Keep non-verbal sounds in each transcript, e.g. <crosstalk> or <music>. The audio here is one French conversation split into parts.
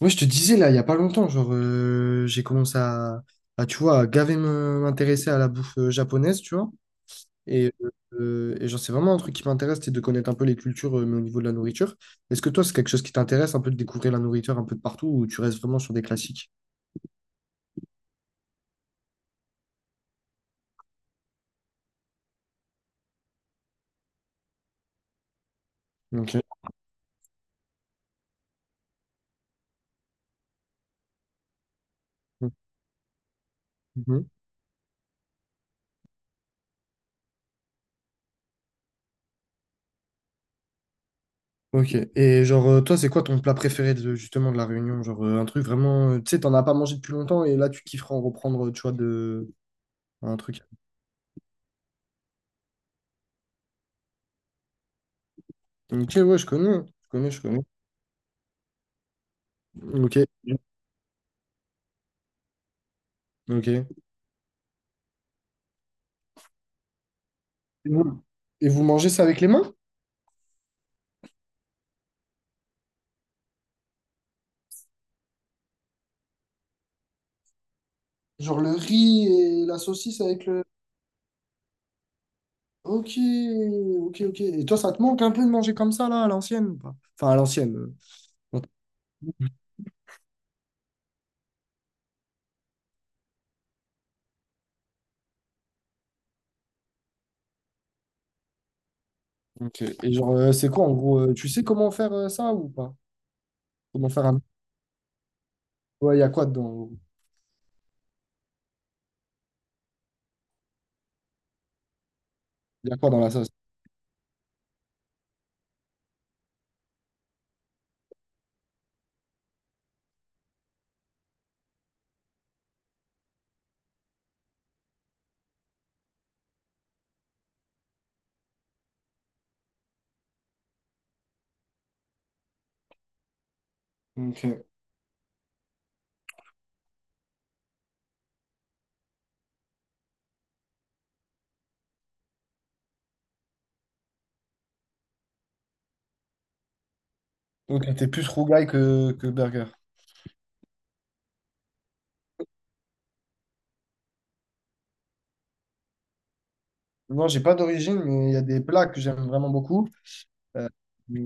Ouais, je te disais là, il y a pas longtemps, genre j'ai commencé tu vois, à gaver m'intéresser à la bouffe japonaise, tu vois. Et, euh, et genre c'est vraiment un truc qui m'intéresse, c'est de connaître un peu les cultures, mais au niveau de la nourriture. Est-ce que toi, c'est quelque chose qui t'intéresse un peu de découvrir la nourriture un peu de partout ou tu restes vraiment sur des classiques? Ok. Mhm. Ok. Et genre toi, c'est quoi ton plat préféré de, justement de la Réunion? Genre un truc vraiment, tu sais, t'en as pas mangé depuis longtemps et là tu kifferas en reprendre, tu vois, de un truc. Ok, ouais, je connais, je connais, je connais. Ok. Ok. Et vous, et vous mangez ça avec les mains? Genre le riz et la saucisse avec le… Ok, ok, ok. Et toi, ça te manque un peu de manger comme ça, là, à l'ancienne? Ou pas. Enfin, à l'ancienne. Quand- Ok. Et genre, c'est quoi, en gros? Tu sais comment faire ça ou pas? Comment faire un… Ouais, il y a quoi dedans? Il y a quoi dans la sauce? Ok. Donc, t'es plus rougaille que burger. Non, j'ai pas d'origine, mais il y a des plats que j'aime vraiment beaucoup. Euh,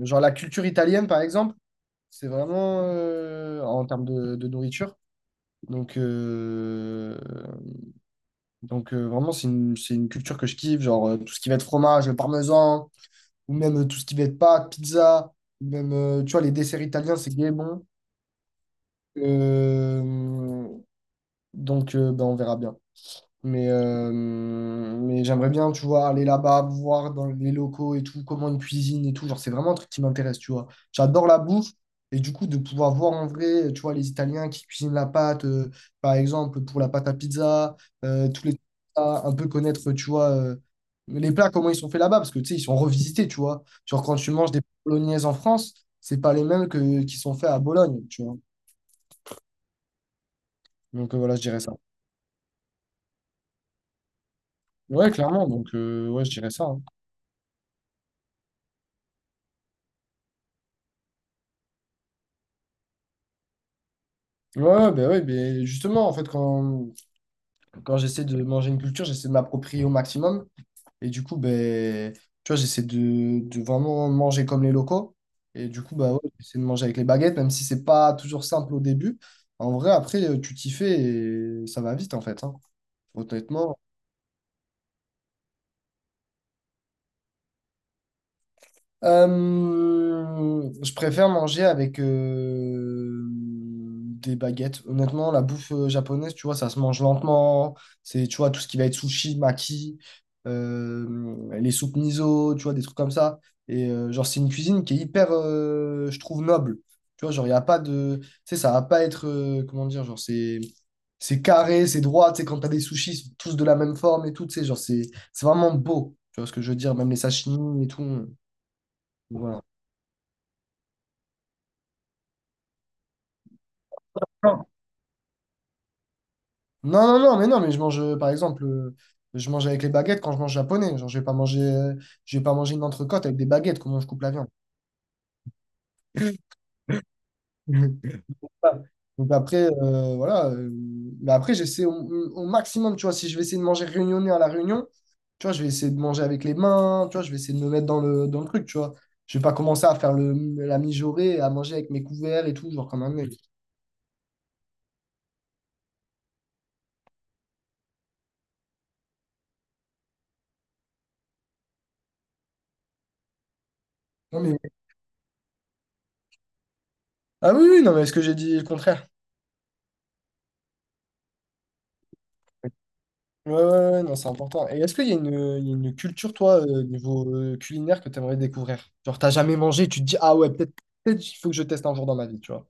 genre la culture italienne, par exemple, c'est vraiment, en termes de nourriture, Donc, euh, vraiment, c'est une culture que je kiffe, genre tout ce qui va être fromage, parmesan, ou même tout ce qui va être pâtes, pizza, ou même, tu vois, les desserts italiens, c'est gay bon. Euh, ben, on verra bien. Mais j'aimerais bien, tu vois, aller là-bas, voir dans les locaux et tout, comment ils cuisinent et tout. Genre, c'est vraiment un truc qui m'intéresse, tu vois. J'adore la bouffe. Et du coup, de pouvoir voir en vrai, tu vois, les Italiens qui cuisinent la pâte, par exemple, pour la pâte à pizza, tous les plats, un peu connaître, tu vois, les plats, comment ils sont faits là-bas, parce que, tu sais, ils sont revisités, tu vois. Genre, quand tu manges des bolognaises en France, c'est pas les mêmes que, qui sont faits à Bologne, tu vois. Donc, voilà, je dirais ça. Ouais, clairement. Donc, ouais, je dirais ça, hein. Ouais, ben justement, en fait, quand j'essaie de manger une culture, j'essaie de m'approprier au maximum. Et du coup, ben, tu vois, j'essaie de vraiment manger comme les locaux. Et du coup, bah ouais, j'essaie de manger avec les baguettes, même si c'est pas toujours simple au début. En vrai, après, tu t'y fais et ça va vite, en fait, hein. Honnêtement, je préfère manger avec des baguettes. Honnêtement, la bouffe japonaise, tu vois, ça se mange lentement. C'est, tu vois, tout ce qui va être sushi, maki, les soupes miso, tu vois, des trucs comme ça. Et genre, c'est une cuisine qui est hyper, je trouve, noble. Tu vois, genre, il n'y a pas de… Tu sais, ça va pas être… comment dire, genre, c'est… C'est carré, c'est droit, tu sais, quand t'as des sushis, ils sont tous de la même forme et tout, tu sais, genre, c'est vraiment beau, tu vois ce que je veux dire, même les sashimi et tout, voilà. Non, non, non, non, mais non, mais je mange, par exemple, je mange avec les baguettes quand je mange japonais. Genre, je vais pas manger, je vais pas manger une entrecôte avec des baguettes, comment je coupe la viande. <laughs> Voilà. Donc après, voilà. Mais après, j'essaie au maximum, tu vois, si je vais essayer de manger réunionnais à la réunion, tu vois, je vais essayer de manger avec les mains, tu vois, je vais essayer de me mettre dans dans le truc, tu vois. Je vais pas commencer à faire le, la mijaurée, à manger avec mes couverts et tout, genre comme un mec. Non, mais… Ah oui, oui, non, mais est-ce que j'ai dit le contraire? Ouais, ouais, ouais, non, c'est important. Et est-ce qu'il y a une, il y a une culture, toi, niveau culinaire, que tu aimerais découvrir? Genre, t'as jamais mangé, tu te dis, ah ouais, peut-être, il faut que je teste un jour dans ma vie, tu vois.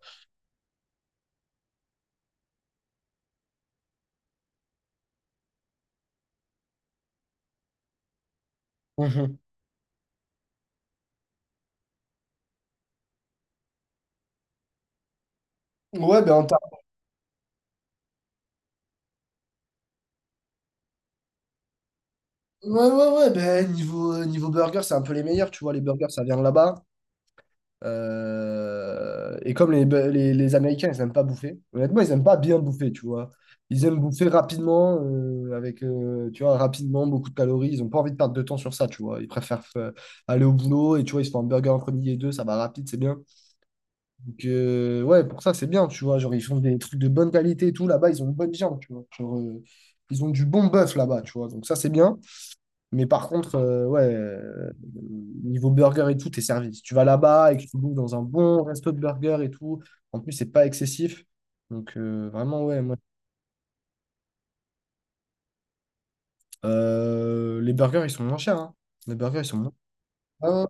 <laughs> Mhm. Ouais, ben, en termes- ouais, ouais, ouais, ben, niveau, niveau burger, c'est un peu les meilleurs, tu vois, les burgers, ça vient de là-bas. Et comme les Américains, ils n'aiment pas bouffer, honnêtement, ils n'aiment pas bien bouffer, tu vois. Ils aiment bouffer rapidement, avec, tu vois, rapidement, beaucoup de calories. Ils n'ont pas envie de perdre de temps sur ça, tu vois. Ils préfèrent aller au boulot et, tu vois, ils se font un burger entre midi et deux, ça va rapide, c'est bien. Donc, ouais, pour ça, c'est bien, tu vois. Genre, ils font des trucs de bonne qualité et tout. Là-bas, ils ont une bonne viande, tu vois. Genre, ils ont du bon bœuf là-bas, tu vois. Donc, ça, c'est bien. Mais par contre, niveau burger et tout, t'es servi. Si tu vas là-bas et que tu bouffes dans un bon resto de burger et tout, en plus, c'est pas excessif. Donc, vraiment, ouais, moi- les burgers, ils sont moins chers, hein. Les burgers, ils sont moins Ah,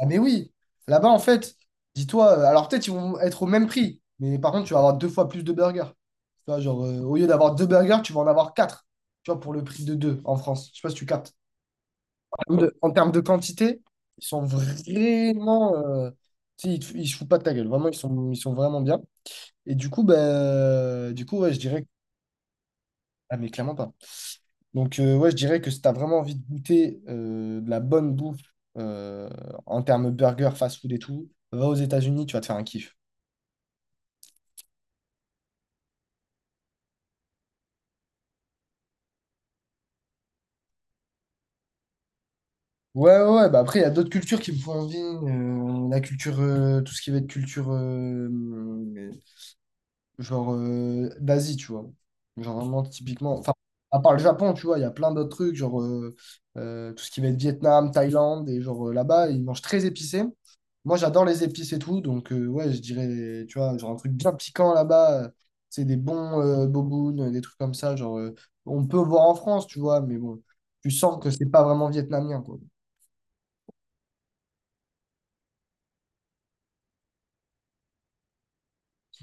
ah, mais oui, là-bas, en fait, dis-toi, alors peut-être ils vont être au même prix, mais par contre, tu vas avoir deux fois plus de burgers. Tu vois, genre, au lieu d'avoir deux burgers, tu vas en avoir quatre, tu vois, pour le prix de deux en France. Je sais pas si tu captes. En termes de quantité, ils sont vraiment. Tu sais, ils se foutent pas de ta gueule. Vraiment, ils sont vraiment bien. Et du coup, ben, du coup ouais, je dirais. Ah, mais clairement pas. Donc, ouais, je dirais que si tu as vraiment envie de goûter de la bonne bouffe euh, en termes burger, fast-food et tout, va aux États-Unis, tu vas te faire un kiff. Ouais, ouais, ouais, bah après, il y a d'autres cultures qui me font envie. La culture, tout ce qui va être culture genre d'Asie, tu vois. Genre vraiment typiquement, enfin, à part le Japon, tu vois, il y a plein d'autres trucs, genre tout ce qui va être Vietnam, Thaïlande, et genre là-bas, ils mangent très épicé. Moi, j'adore les épices et tout, donc ouais, je dirais, tu vois, genre un truc bien piquant là-bas, c'est des bons bobounes, des trucs comme ça, genre on peut voir en France, tu vois, mais bon, tu sens que c'est pas vraiment vietnamien, quoi.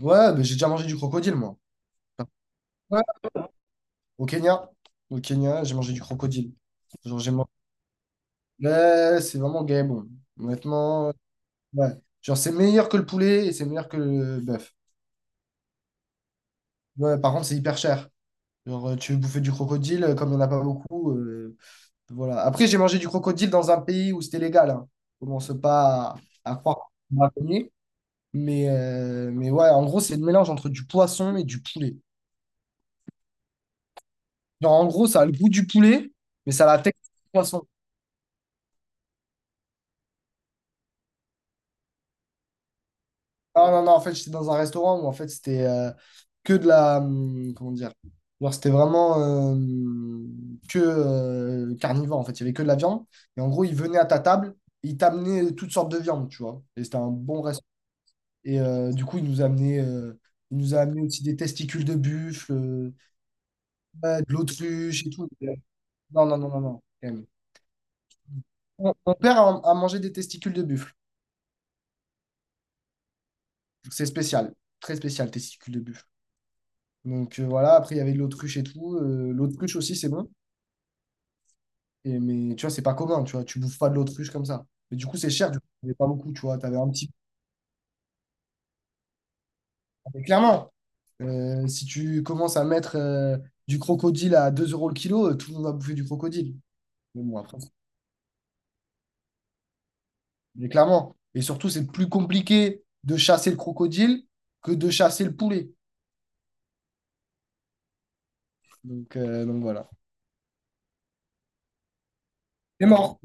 Ouais, bah, j'ai déjà mangé du crocodile, moi. Ouais, au Kenya, au Kenya, j'ai mangé du crocodile. Genre, j'ai mangé Ouais, c'est vraiment gay, bon. Honnêtement, ouais. Genre, c'est meilleur que le poulet et c'est meilleur que le bœuf. Ouais, par contre, c'est hyper cher. Genre, tu veux bouffer du crocodile, comme il n'y en a pas beaucoup. Voilà. Après, j'ai mangé du crocodile dans un pays où c'était légal, hein. Commence pas à croire qu'on m'a connu. Mais ouais, en gros, c'est le mélange entre du poisson et du poulet. Genre, en gros, ça a le goût du poulet, mais ça a la texture du poisson. Non, non, non, en fait, j'étais dans un restaurant où en fait c'était que de la. Comment dire? Genre, c'était vraiment euh, que carnivore, en fait. Il y avait que de la viande. Et en gros, ils venaient à ta table, ils t'amenaient toutes sortes de viandes, tu vois. Et c'était un bon restaurant. Et du coup, ils nous amenaient, ils nous a amené aussi des testicules de buffle, ouais, de l'autruche et tout. Non, non, non, non, non. Quand même. Mon père a mangé des testicules de buffle. C'est spécial, très spécial, testicules de buffle. Donc voilà, après il y avait de l'autruche et tout. L'autruche aussi, c'est bon. Et, mais tu vois, c'est pas commun, tu vois. Tu bouffes pas de l'autruche comme ça. Mais du coup, c'est cher, du coup, t'avais pas beaucoup, tu vois. T'avais un petit. Mais clairement, si tu commences à mettre du crocodile à 2 euros le kilo, tout le monde va bouffer du crocodile. Mais bon, après, c'est- mais clairement. Et surtout, c'est plus compliqué de chasser le crocodile que de chasser le poulet. Donc voilà. C'est mort.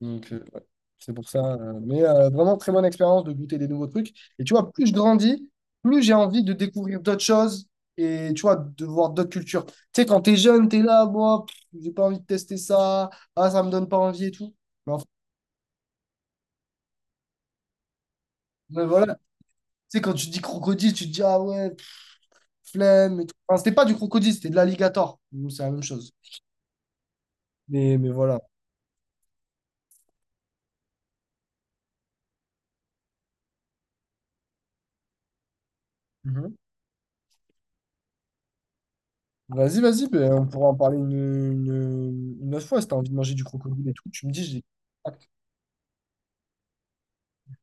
Donc, ouais, c'est pour ça. Vraiment, très bonne expérience de goûter des nouveaux trucs. Et tu vois, plus je grandis, plus j'ai envie de découvrir d'autres choses et tu vois, de voir d'autres cultures. Tu sais, quand t'es jeune, t'es là, moi, pff, j'ai pas envie de tester ça. Ah, ça me donne pas envie et tout. Mais en fait, ouais, voilà. Tu sais, quand tu dis crocodile, tu te dis, ah ouais, pff, flemme et tout. Enfin, c'était pas du crocodile, c'était de l'alligator. Donc, c'est la même chose. Mais voilà. Mhm. Vas-y, vas-y, ben, on pourra en parler une autre fois si t'as envie de manger du crocodile et tout. Tu me dis, j'ai.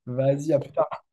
Vas-y, à plus tard.